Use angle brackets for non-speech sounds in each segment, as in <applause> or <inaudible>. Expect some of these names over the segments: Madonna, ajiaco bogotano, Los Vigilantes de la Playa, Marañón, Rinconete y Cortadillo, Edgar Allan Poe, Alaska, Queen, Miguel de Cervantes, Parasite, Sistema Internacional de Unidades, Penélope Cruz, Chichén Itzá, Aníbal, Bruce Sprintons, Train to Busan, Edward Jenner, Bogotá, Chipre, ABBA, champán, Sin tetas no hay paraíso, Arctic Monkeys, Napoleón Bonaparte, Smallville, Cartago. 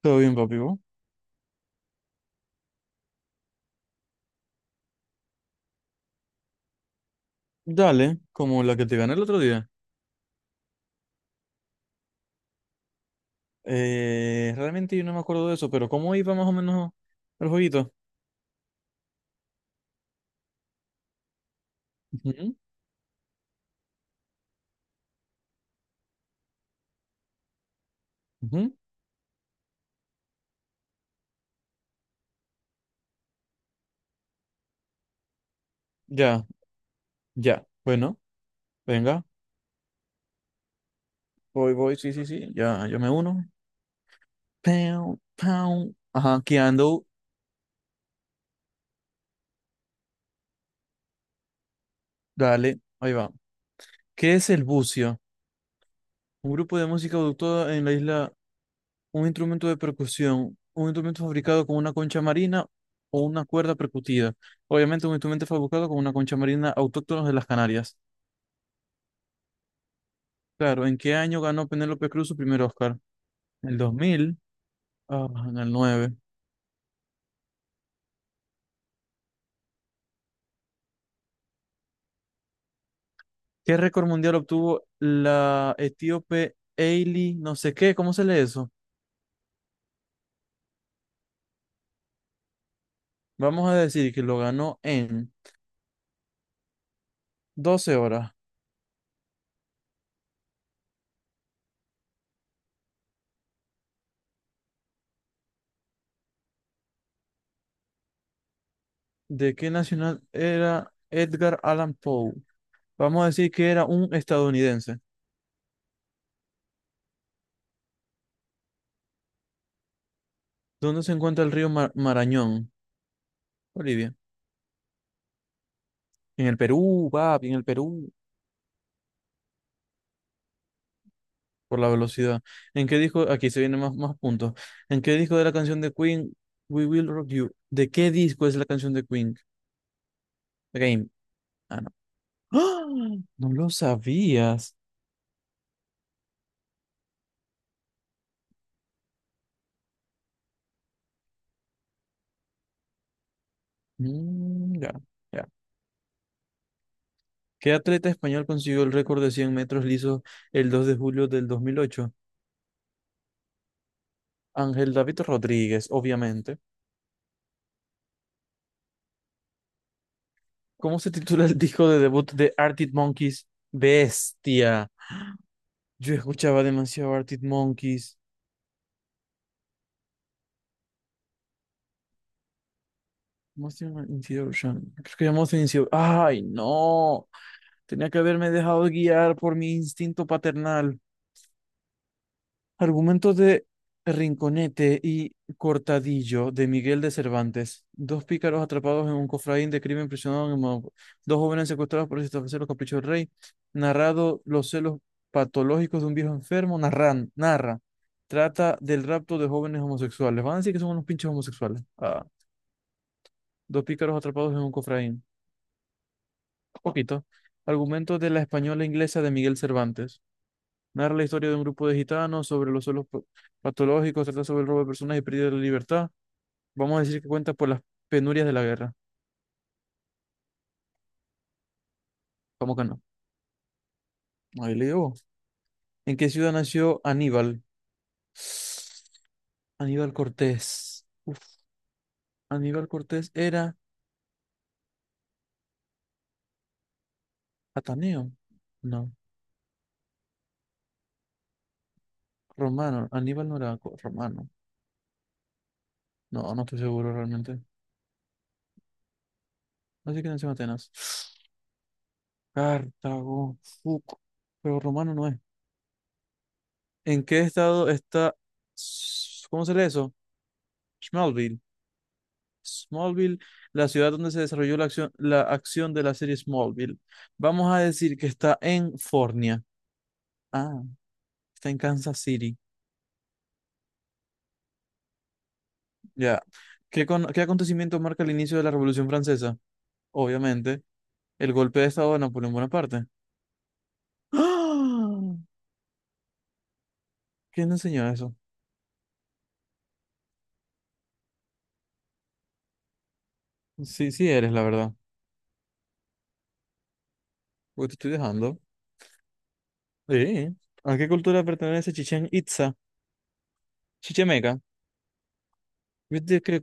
Todo bien, papi. ¿Vos? Dale, como la que te gané el otro día. Realmente yo no me acuerdo de eso, pero ¿cómo iba más o menos el jueguito? Ujú, ujú. Ya, ya. Bueno, venga. Voy, sí, sí, sí. Ya, yo me uno. Pau, pau. Ajá, aquí ando. Dale, ahí va. ¿Qué es el bucio? Un grupo de música adoptada en la isla, un instrumento de percusión, un instrumento fabricado con una concha marina o una cuerda percutida. Obviamente un instrumento fabricado con una concha marina autóctona de las Canarias. Claro, ¿en qué año ganó Penélope Cruz su primer Oscar? En el 2000, ah, en el 9. ¿Qué récord mundial obtuvo la etíope Hailey, no sé qué? ¿Cómo se lee eso? Vamos a decir que lo ganó en 12 horas. ¿De qué nacional era Edgar Allan Poe? Vamos a decir que era un estadounidense. ¿Dónde se encuentra el río Marañón? Bolivia. En el Perú, papi, en el Perú. Por la velocidad. ¿En qué disco? Aquí se vienen más puntos. ¿En qué disco de la canción de Queen, We Will Rock You? ¿De qué disco es la canción de Queen? Game. Ah, no. ¡Ah! No lo sabías. Mm, ya, ya. ¿Qué atleta español consiguió el récord de 100 metros lisos el 2 de julio del 2008? Ángel David Rodríguez, obviamente. ¿Cómo se titula el disco de debut de Arctic Monkeys? Bestia. Yo escuchaba demasiado Arctic Monkeys. Most Intuition. Creo que Most Intuition. ¡Ay, no! Tenía que haberme dejado guiar por mi instinto paternal. Argumentos de Rinconete y Cortadillo de Miguel de Cervantes. Dos pícaros atrapados en un cofraín de crimen prisioneros en Mo- Dos jóvenes secuestrados por satisfacer los caprichos del rey. Narrado los celos patológicos de un viejo enfermo. Narran, narra. Trata del rapto de jóvenes homosexuales. Van a decir que son unos pinches homosexuales. Ah. Dos pícaros atrapados en un cofraín. Poquito. Argumentos de la española e inglesa de Miguel Cervantes. Narra la historia de un grupo de gitanos sobre los suelos patológicos, trata sobre el robo de personas y pérdida de la libertad. Vamos a decir que cuenta por las penurias de la guerra. ¿Cómo que no? Ahí le digo. ¿En qué ciudad nació Aníbal? Aníbal Cortés. Uf, Aníbal Cortés era ateneo. No, romano. Aníbal no era romano. No, no estoy seguro realmente. Así que nació en Atenas. Cartago. Fuck. Pero romano no es. ¿En qué estado está, ¿cómo se lee eso? Smallville. Smallville, la ciudad donde se desarrolló la acción de la serie Smallville. Vamos a decir que está en Fornia. Ah, está en Kansas City. Ya. ¿Qué, qué acontecimiento marca el inicio de la Revolución Francesa? Obviamente, el golpe de estado de Napoleón Bonaparte. ¡Ah! ¿Quién te enseñó eso? Sí, sí eres, la verdad. Porque te estoy dejando. Sí. ¿A qué cultura pertenece Chichén Itzá? Chichimeca. Yo te creo.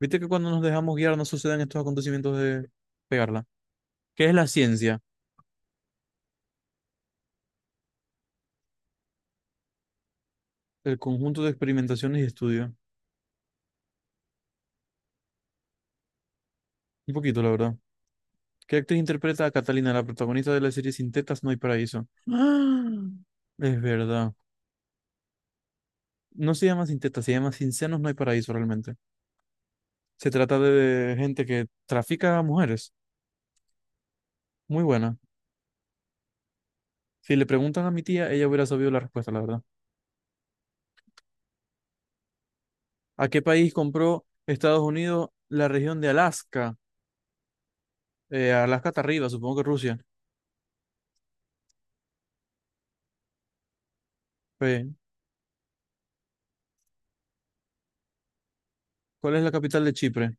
Viste que cuando nos dejamos guiar no suceden estos acontecimientos de pegarla. ¿Qué es la ciencia? El conjunto de experimentaciones y estudios. Un poquito, la verdad. ¿Qué actriz interpreta a Catalina, la protagonista de la serie Sin tetas no hay paraíso? <gasps> ¡Ah! Es verdad. No se llama Sin tetas, se llama Sin senos no hay paraíso realmente. Se trata de gente que trafica a mujeres. Muy buena. Si le preguntan a mi tía, ella hubiera sabido la respuesta, la verdad. ¿A qué país compró Estados Unidos la región de Alaska? Alaska está arriba, supongo que Rusia. Pues, ¿cuál es la capital de Chipre?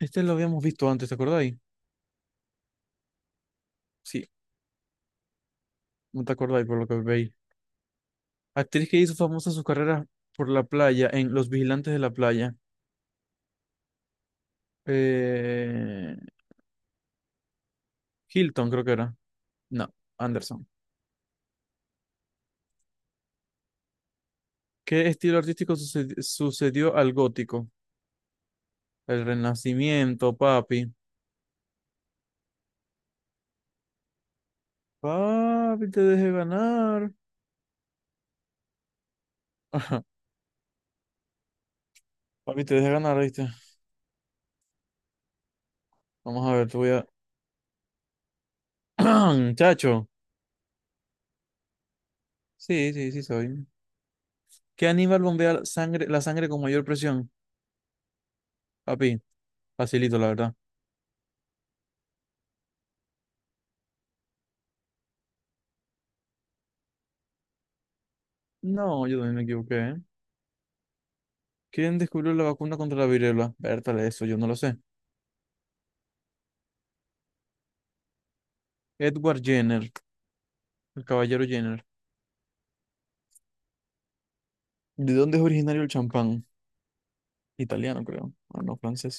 Este lo habíamos visto antes, ¿te acordáis? Sí, no te acordáis por lo que veis. Actriz que hizo famosa sus carreras por la playa, en Los Vigilantes de la Playa. Eh, Hilton, creo que era. No, Anderson. ¿Qué estilo artístico sucedió al gótico? El Renacimiento, papi. Papi, te dejé ganar. Ajá, papi, te dejé ganar, ¿viste? Vamos a ver, te voy a... <clears throat> Chacho. Sí, sí, sí soy. ¿Qué animal bombea sangre, la sangre con mayor presión? Papi. Facilito, la verdad. No, yo también me equivoqué, ¿eh? ¿Quién descubrió la vacuna contra la viruela? Vértale, eso yo no lo sé. Edward Jenner, el caballero Jenner. ¿De dónde es originario el champán? Italiano, creo. Ah, no, francés.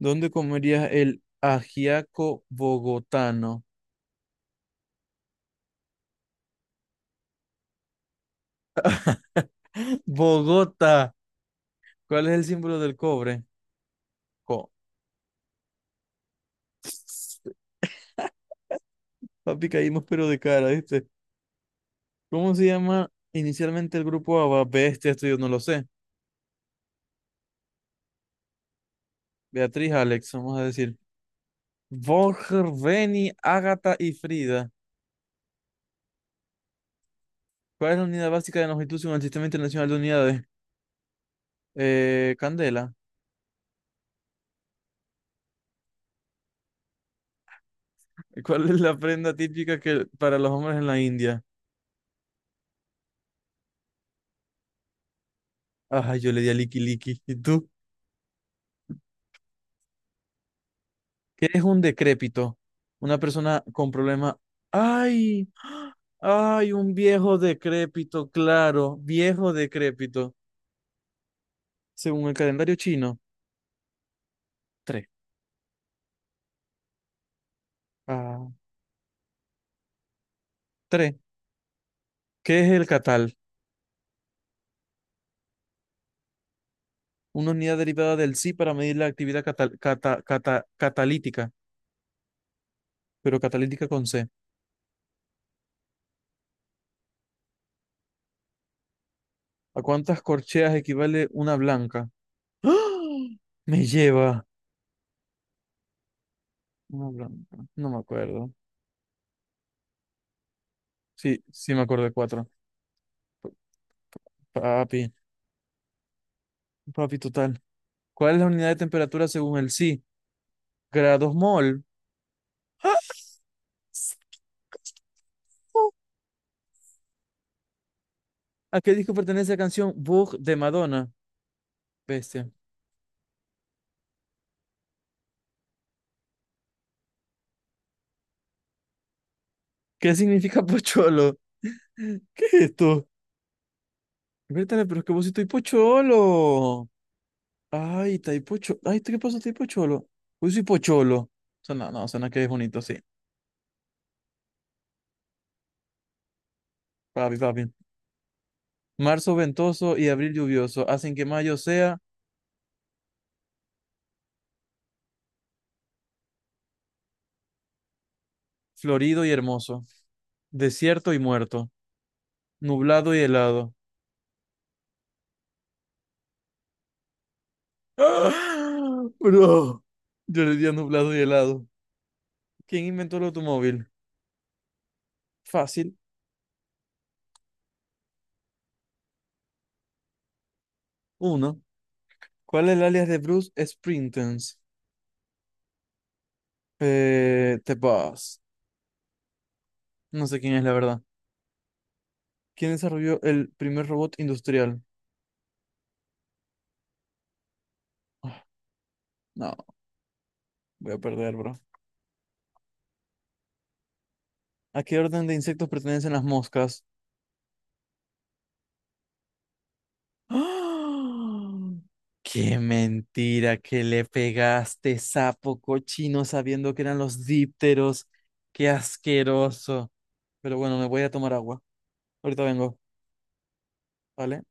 ¿Dónde comerías el ajiaco bogotano? <laughs> Bogotá. ¿Cuál es el símbolo del cobre? Co. <laughs> Papi, caímos pero de cara, ¿viste? ¿Cómo se llama inicialmente el grupo ABBA? Bestia, esto yo no lo sé. Beatriz, Alex, vamos a decir. Borger, Beni, Ágata y Frida. ¿Cuál es la unidad básica de longitud según el Sistema Internacional de Unidades? Candela. ¿Cuál es la prenda típica que, para los hombres en la India? Ajá, yo le di a Liki Liki. ¿Y tú? ¿Qué es un decrépito? Una persona con problema. ¡Ay! ¡Ay! Un viejo decrépito, claro. Viejo decrépito. Según el calendario chino. Tres. Ah, tres. ¿Qué es el catal? Una unidad derivada del psi para medir la actividad catalítica, pero catalítica con C. ¿A cuántas corcheas equivale una blanca? <gasps> ¡Ah! Me lleva una blanca. No me acuerdo. Sí, sí me acuerdo de cuatro. Papi, papi total. ¿Cuál es la unidad de temperatura según el psi? Grados mol. <gasps> ¡Ah! ¿A qué disco pertenece la canción Bug de Madonna? Bestia. ¿Qué significa pocholo? <laughs> ¿Qué es esto? Vértale, pero es que vos sí estoy pocholo. Ay, Taipo Cholo. Ay, ¿qué pasó, Taipo Cholo? Uy, soy Pocholo. Suena, no, suena que es bonito, sí. Papi, papi. Marzo ventoso y abril lluvioso hacen que mayo sea florido y hermoso, desierto y muerto, nublado y helado. <gasps> ¡Ah! Bro, yo le di a nublado y helado. ¿Quién inventó el automóvil? Fácil. Uno. ¿Cuál es el alias de Bruce Sprintons? The Boss. No sé quién es, la verdad. ¿Quién desarrolló el primer robot industrial? Ah, no. Voy a perder, bro. ¿A qué orden de insectos pertenecen las moscas? <gasps> ¡Ah! ¡Qué mentira que le pegaste, sapo cochino, sabiendo que eran los dípteros! ¡Qué asqueroso! Pero bueno, me voy a tomar agua. Ahorita vengo, ¿vale?